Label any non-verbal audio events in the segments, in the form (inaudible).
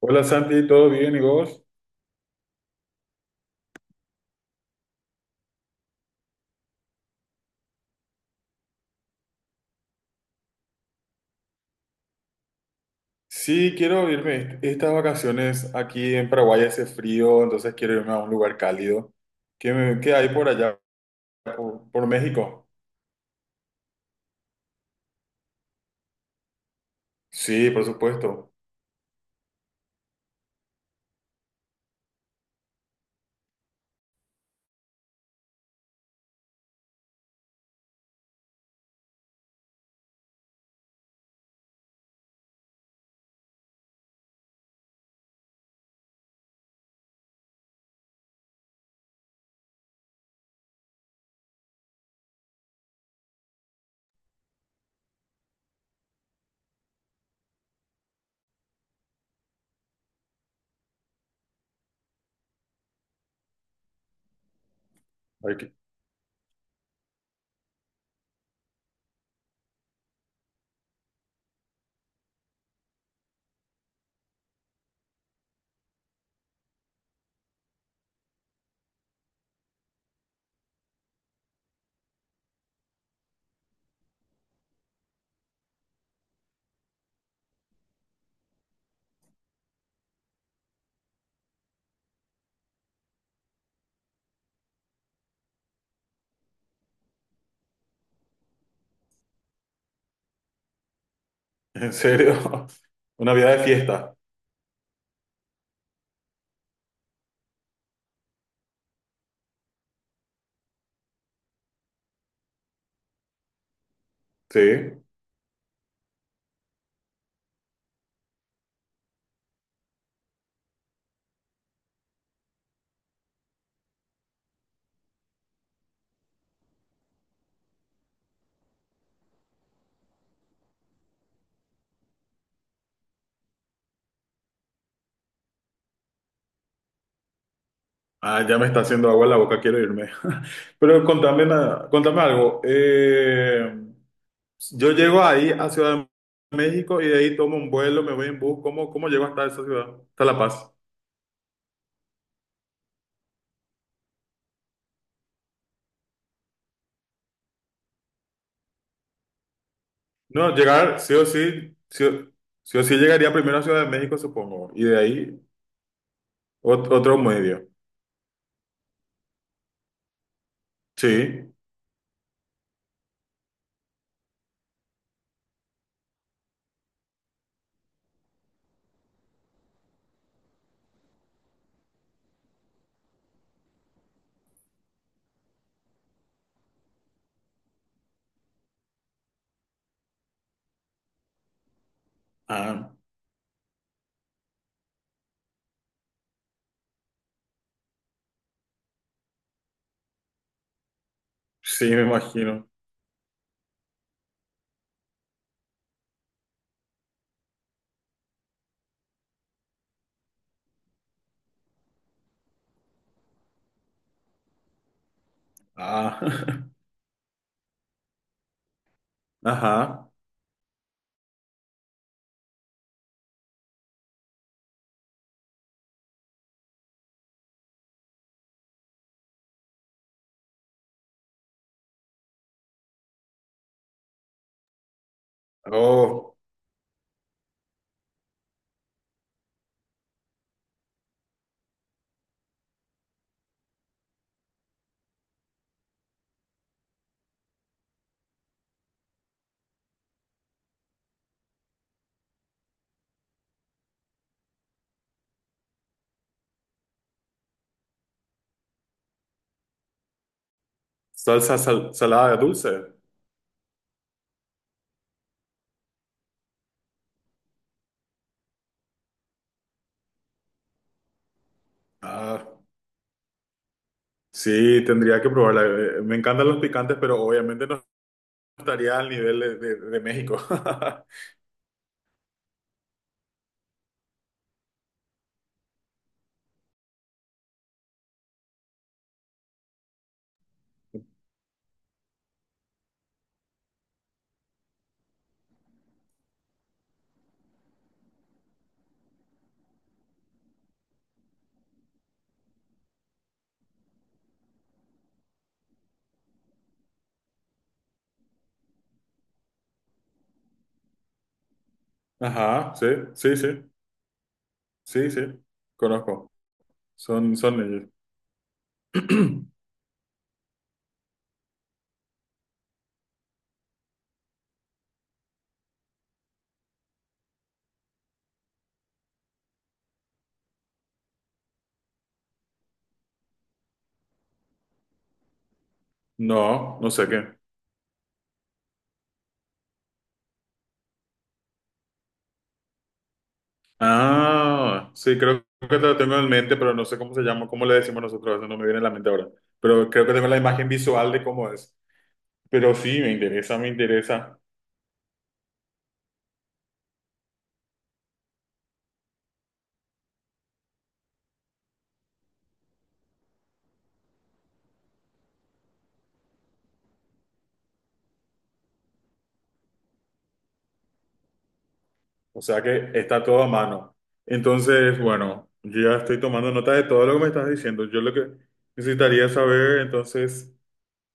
Hola Santi, ¿todo bien y vos? Sí, quiero irme. Estas vacaciones aquí en Paraguay hace frío, entonces quiero irme a un lugar cálido. ¿Qué, qué hay por allá? ¿Por México? Sí, por supuesto. Hay que- (laughs) ¿En serio? (laughs) Una vida de fiesta. Sí. Ah, ya me está haciendo agua en la boca, quiero irme. (laughs) Pero contame, contame algo. Yo llego ahí a Ciudad de México y de ahí tomo un vuelo, me voy en bus. ¿Cómo llego hasta esa ciudad? Hasta La Paz. No, llegar, sí o sí llegaría primero a Ciudad de México, supongo, y de ahí otro medio. Sí, ah, sí, me imagino. Ah, (laughs) ajá. Oh, salada de dulce. Ah, sí, tendría que probarla. Me encantan los picantes, pero obviamente no estaría al nivel de, de México. (laughs) Ajá, sí, sí, sí, sí, sí, conozco. Son, son ellos. No, no sé qué. Ah, sí, creo que lo tengo en mente, pero no sé cómo se llama, cómo le decimos nosotros, eso no me viene a la mente ahora. Pero creo que tengo la imagen visual de cómo es. Pero sí, me interesa, me interesa. O sea que está todo a mano. Entonces, bueno, yo ya estoy tomando nota de todo lo que me estás diciendo. Yo lo que necesitaría saber, entonces,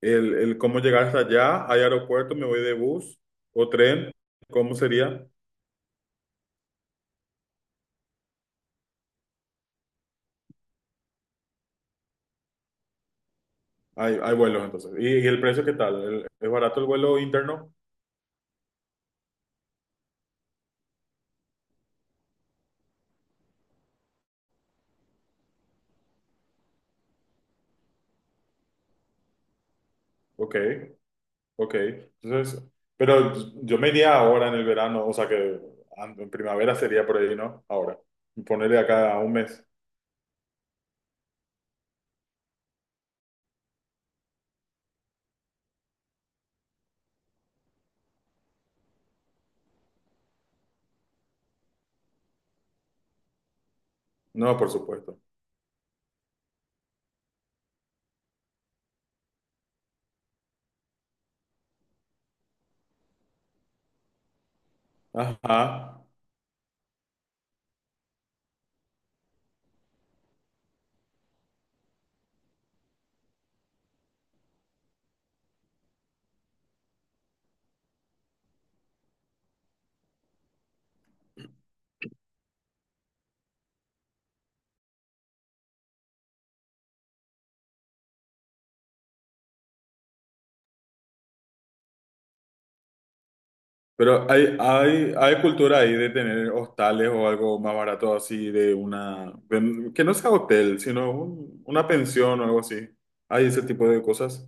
el cómo llegar hasta allá. ¿Hay aeropuerto? ¿Me voy de bus o tren? ¿Cómo sería? Hay vuelos, entonces. ¿Y el precio qué tal? Es barato el vuelo interno? Ok. Ok, entonces, pero yo me iría ahora en el verano, o sea que en primavera sería por ahí, ¿no? Ahora, ponerle acá a un mes. No, por supuesto. Ajá. Pero hay cultura ahí de tener hostales o algo más barato así de una, que no sea hotel, sino una pensión o algo así. Hay ese tipo de cosas.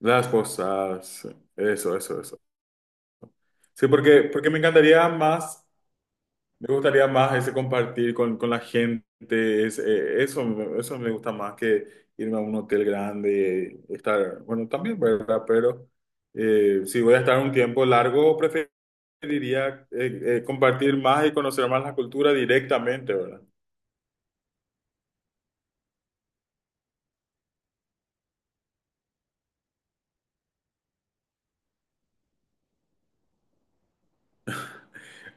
Las cosas. Eso, eso, eso. Sí, porque me encantaría más. Me gustaría más ese compartir con la gente, es, eso, eso me gusta más que irme a un hotel grande, estar, bueno, también, ¿verdad? Pero si voy a estar un tiempo largo, preferiría compartir más y conocer más la cultura directamente, ¿verdad?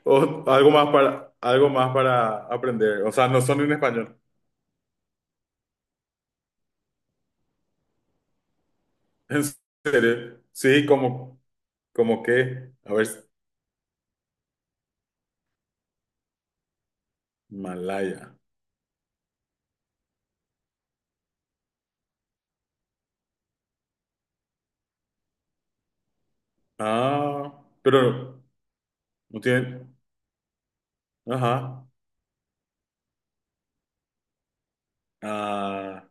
O algo más para aprender, o sea, no son en español. (laughs) ¿En serio? Sí, como, como que, a ver, Malaya. Ah, pero no tienen. Ajá. Ah,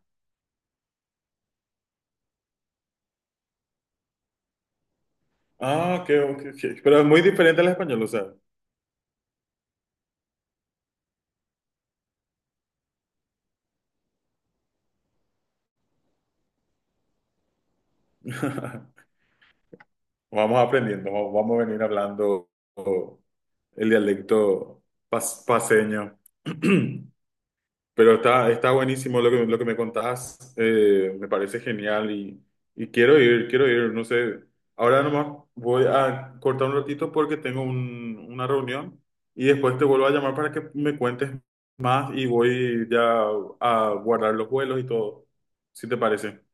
ah, qué, pero es muy diferente al español, o sea. (laughs) Vamos aprendiendo, vamos a venir hablando el dialecto paseño. (clears throat) Pero está, está buenísimo lo que me contás, me parece genial y quiero ir, no sé, ahora nomás voy a cortar un ratito porque tengo una reunión y después te vuelvo a llamar para que me cuentes más y voy ya a guardar los vuelos y todo, si te parece.